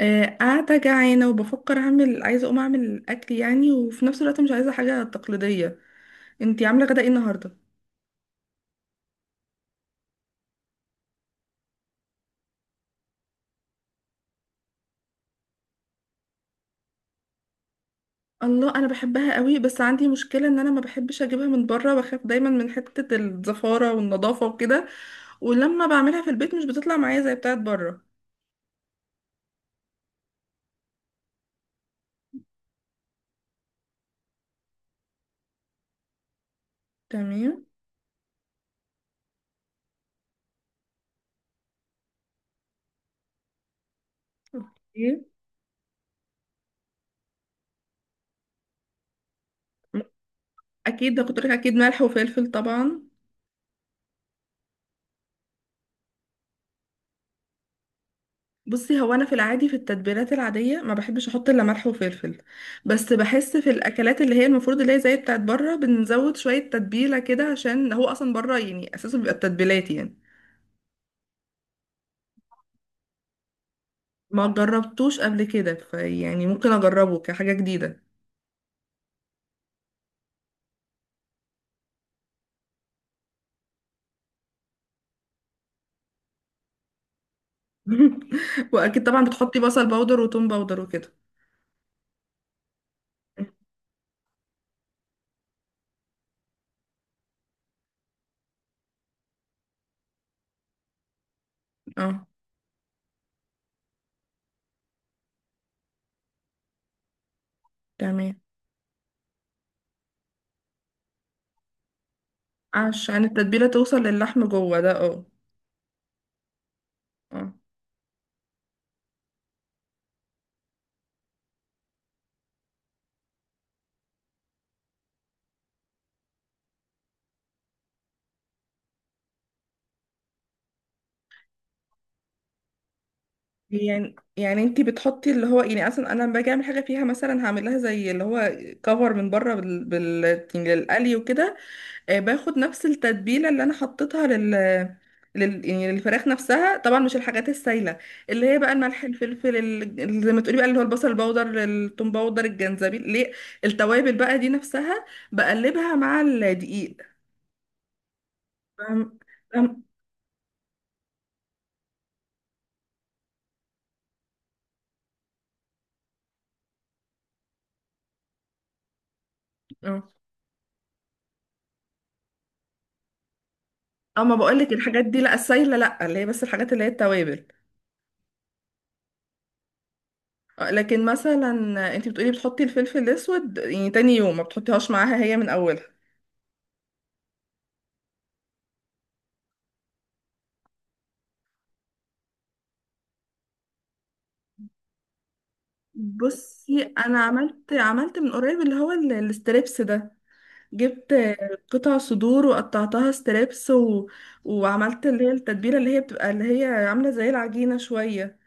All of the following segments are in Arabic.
قاعدة جعانة وبفكر عايزة أقوم أعمل أكل يعني، وفي نفس الوقت مش عايزة حاجة تقليدية. أنتي عاملة غدا إيه النهاردة؟ الله أنا بحبها قوي، بس عندي مشكلة إن أنا ما بحبش أجيبها من بره، بخاف دايما من حتة الزفارة والنظافة وكده. ولما بعملها في البيت مش بتطلع معايا زي بتاعت بره. تمام. أوكي. أكيد ده كنت أقولك، أكيد ملح وفلفل طبعا. بصي، هو انا في العادي في التتبيلات العاديه ما بحبش احط الا ملح وفلفل. بس بحس في الاكلات اللي هي المفروض اللي هي زي بتاعت بره بنزود شويه تتبيله كده، عشان هو اصلا بره يعني اساسه بيبقى التتبيلات يعني. ما جربتوش قبل كده، فيعني ممكن اجربه كحاجه جديده. واكيد طبعا بتحطي بصل باودر وتوم باودر وكده. اه. تمام. عشان التتبيله توصل للحم جوه، ده اه. آه. يعني انتي بتحطي اللي هو يعني اصلا، انا لما باجي اعمل حاجه فيها مثلا هعمل لها زي اللي هو كفر من بره بال بال يعني للقلي وكده. آه، باخد نفس التتبيله اللي انا حطيتها لل لل يعني للفراخ نفسها، طبعا مش الحاجات السايله، اللي هي بقى الملح الفلفل زي ما تقولي بقى اللي هو البصل البودر الثوم باودر الجنزبيل ليه التوابل بقى دي نفسها بقلبها مع الدقيق. فاهم. فاهم. اه. آه، ما بقولك الحاجات دي، لا السايله، لا اللي هي بس الحاجات اللي هي التوابل. آه، لكن مثلا انتي بتقولي بتحطي الفلفل الاسود يعني تاني يوم، ما بتحطيهاش معاها هي من اولها. بصي، انا عملت من قريب اللي هو الستريبس ده. جبت قطع صدور وقطعتها ستريبس و... وعملت اللي هي التتبيله اللي هي بتبقى اللي هي عامله زي العجينه شويه.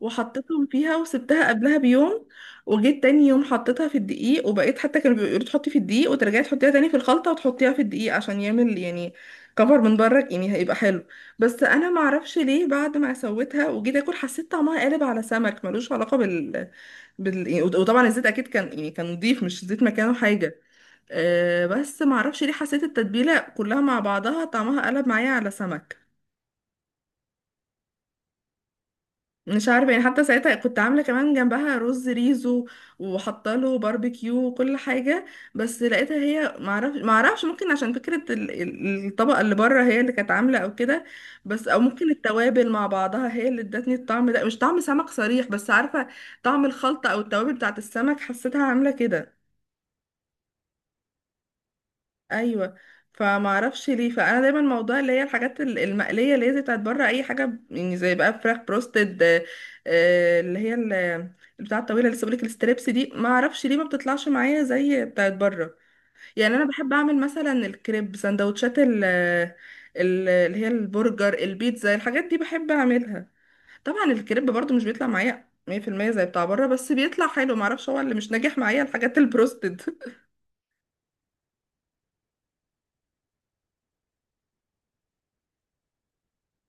وحطيتهم فيها وسبتها قبلها بيوم. وجيت تاني يوم حطيتها في الدقيق، وبقيت حتى كانوا بيقولوا تحطي في الدقيق وترجعي تحطيها تاني في الخلطة وتحطيها في الدقيق عشان يعمل يعني كفر من بره، يعني هيبقى حلو. بس انا ما اعرفش ليه، بعد ما سويتها وجيت اكل حسيت طعمها قالب على سمك ملوش علاقة وطبعا الزيت اكيد كان، يعني كان نضيف، مش زيت مكانه حاجة. بس ما اعرفش ليه حسيت التتبيلة كلها مع بعضها طعمها قلب معايا على سمك. مش عارفه، يعني حتى ساعتها كنت عامله كمان جنبها رز ريزو، وحاطه له باربيكيو وكل حاجه. بس لقيتها هي، معرفش ممكن عشان فكره الطبقه اللي بره هي اللي كانت عامله او كده. بس او ممكن التوابل مع بعضها هي اللي ادتني الطعم ده مش طعم سمك صريح، بس عارفه طعم الخلطه او التوابل بتاعت السمك حسيتها عامله كده. ايوه. فما اعرفش ليه، فانا دايما موضوع اللي هي الحاجات المقليه اللي هي زي بتاعت بره، اي حاجه يعني زي بقى فراخ بروستد اللي هي البتاع الطويله اللي لسه بقولك الستريبس دي، ما اعرفش ليه ما بتطلعش معايا زي بتاعت بره. يعني انا بحب اعمل مثلا الكريب سندوتشات اللي هي البرجر البيتزا الحاجات دي بحب اعملها. طبعا الكريب برضو مش بيطلع معايا 100% زي بتاع بره، بس بيطلع حلو ما اعرفش هو اللي مش ناجح معايا الحاجات البروستد.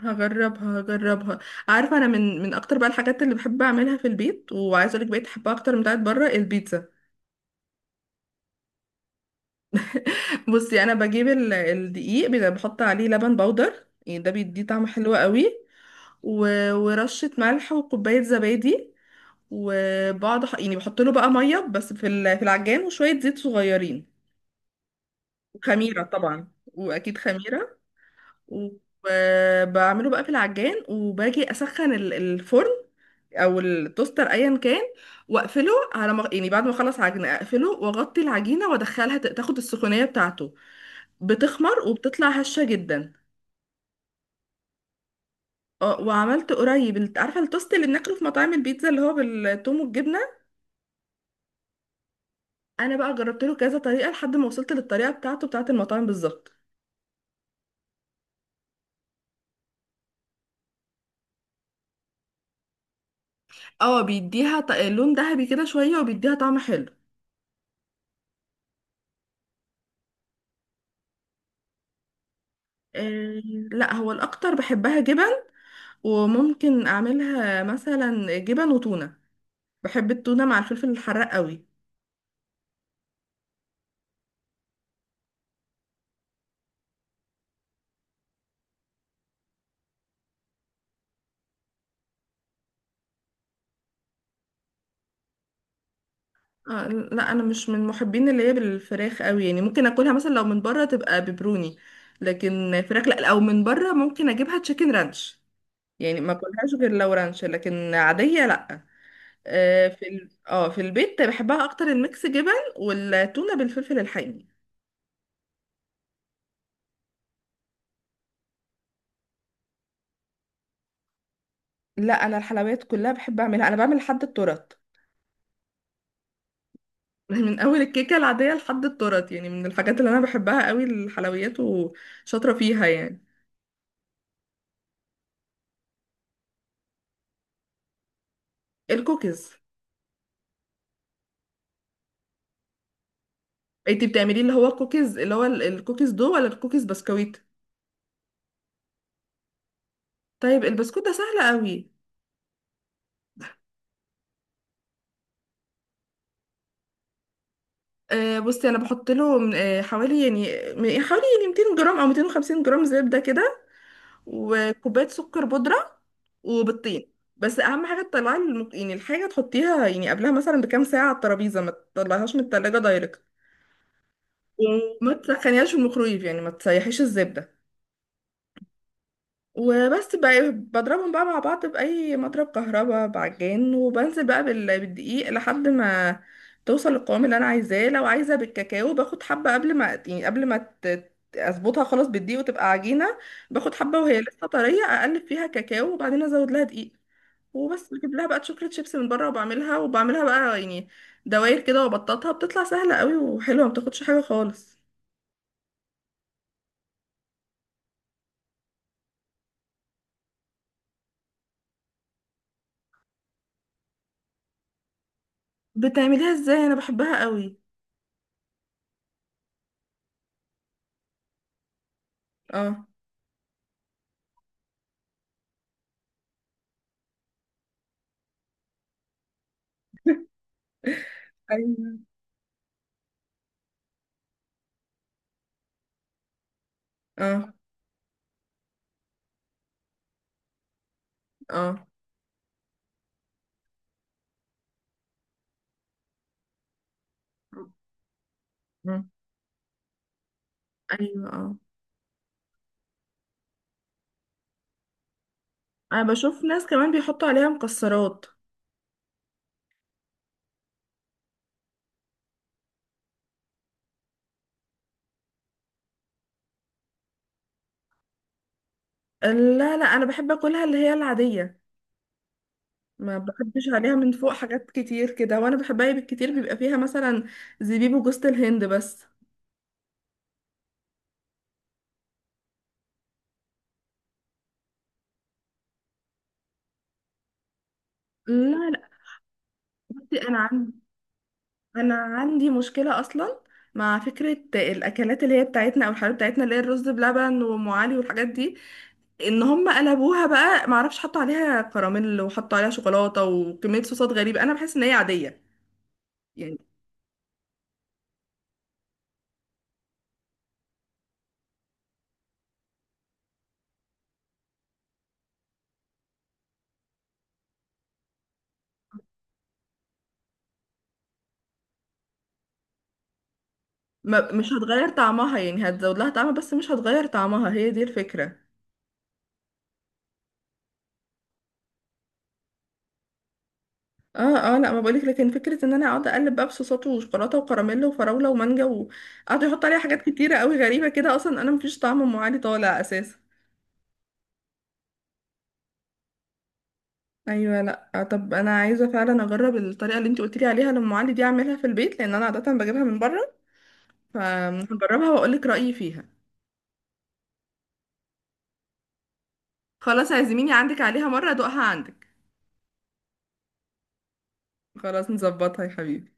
هجربها. عارفة أنا من أكتر بقى الحاجات اللي بحب أعملها في البيت، وعايزة أقولك بقيت أحبها أكتر من بتاعت بره البيتزا. بصي، أنا بجيب الدقيق، بيبقى بحط عليه لبن بودر، يعني ده بيديه طعم حلو قوي. ورشة ملح وكوباية زبادي. وبقعد يعني بحط له بقى مية بس في في العجان وشوية زيت صغيرين. وخميرة طبعا، وأكيد خميرة. وبعمله بقى في العجان، وباجي اسخن الفرن او التوستر ايا كان. واقفله على ما يعني بعد ما اخلص عجينه اقفله واغطي العجينه وادخلها تاخد السخونيه بتاعته. بتخمر وبتطلع هشه جدا. اه، وعملت قريب عارفه التوست اللي بناكله في مطاعم البيتزا، اللي هو بالثوم والجبنه. انا بقى جربت له كذا طريقه لحد ما وصلت للطريقه بتاعته بتاعت المطاعم بالظبط. اه، بيديها لون ذهبي كده شويه، وبيديها طعم حلو. آه، لا هو الاكتر بحبها جبن. وممكن اعملها مثلا جبن وتونة. بحب التونة مع الفلفل الحراق قوي. آه لا، انا مش من محبين اللي هي بالفراخ قوي، يعني ممكن اكلها مثلا لو من بره تبقى ببروني. لكن فراخ لا، او من بره ممكن اجيبها تشيكن رانش، يعني ما اكلهاش غير لو رانش، لكن عادية لا. آه في ال... اه في البيت بحبها اكتر الميكس جبن. والتونة بالفلفل الحامي. لا، انا الحلويات كلها بحب اعملها، انا بعمل لحد التورت. من اول الكيكه العاديه لحد التورت، يعني من الحاجات اللي انا بحبها قوي الحلويات وشاطره فيها يعني. الكوكيز. انتي بتعملي اللي هو الكوكيز، اللي هو الكوكيز دو ولا الكوكيز بسكويت؟ طيب البسكوت ده سهل قوي. آه، بصي انا بحط له حوالي يعني حوالي يعني 200 جرام او 250 جرام زبده كده. وكوبايه سكر بودره. وبيضتين، بس اهم حاجه تطلعي يعني الحاجه تحطيها يعني قبلها مثلا بكام ساعه على الترابيزه، ما تطلعيهاش من التلاجة دايركت. وما تسخنيهاش في الميكرويف، يعني ما تسيحيش الزبدة. وبس بقى بضربهم بقى مع بعض بأي مضرب كهرباء بعجان، وبنزل بقى بالدقيق لحد ما توصل للقوام اللي انا عايزاه. لو عايزه بالكاكاو باخد حبه قبل ما اظبطها خلاص بالدقيق وتبقى عجينه. باخد حبه وهي لسه طريه اقلب فيها كاكاو، وبعدين ازود لها دقيق. وبس بجيب لها بقى شوكليت شيبس من بره، وبعملها بقى يعني دواير كده، وبططها بتطلع سهله قوي وحلوه، ما بتاخدش حاجه خالص. بتعمليها ازاي؟ انا بحبها قوي. اه. ايوه اه. اه. مم. ايوه اه، انا بشوف ناس كمان بيحطوا عليها مكسرات. لا لا، انا بحب اكلها اللي هي العاديه. ما بحبش عليها من فوق حاجات كتير كده، وانا بحبها بالكتير بيبقى فيها مثلا زبيب وجوز الهند بس. لا لا. بصي، انا عندي مشكله اصلا مع فكره الاكلات اللي هي بتاعتنا او الحاجات بتاعتنا اللي هي الرز بلبن وام علي والحاجات دي. ان هم قلبوها بقى معرفش حطوا عليها كراميل وحطوا عليها شوكولاته وكميه صوصات غريبه، انا بحس ان هي عاديه يعني. ما مش هتغير طعمها، يعني هتزود لها طعمها بس مش هتغير طعمها، هي دي الفكره. اه. اه لا ما بقولك، لكن فكره ان انا اقعد اقلب بقى بصوصات وشوكولاته وكراميل وفراوله ومانجا وقعدوا يحطوا عليها حاجات كتيره قوي غريبه كده، اصلا انا مفيش طعم ام علي طالع اساسا. ايوه لا آه، طب انا عايزه فعلا اجرب الطريقه اللي انت قلت لي عليها لام علي دي، اعملها في البيت لان انا عاده بجيبها من بره. فهجربها واقول لك رايي فيها. خلاص، عزميني عندك عليها مرة ادوقها عندك. خلاص نظبطها يا حبيبي.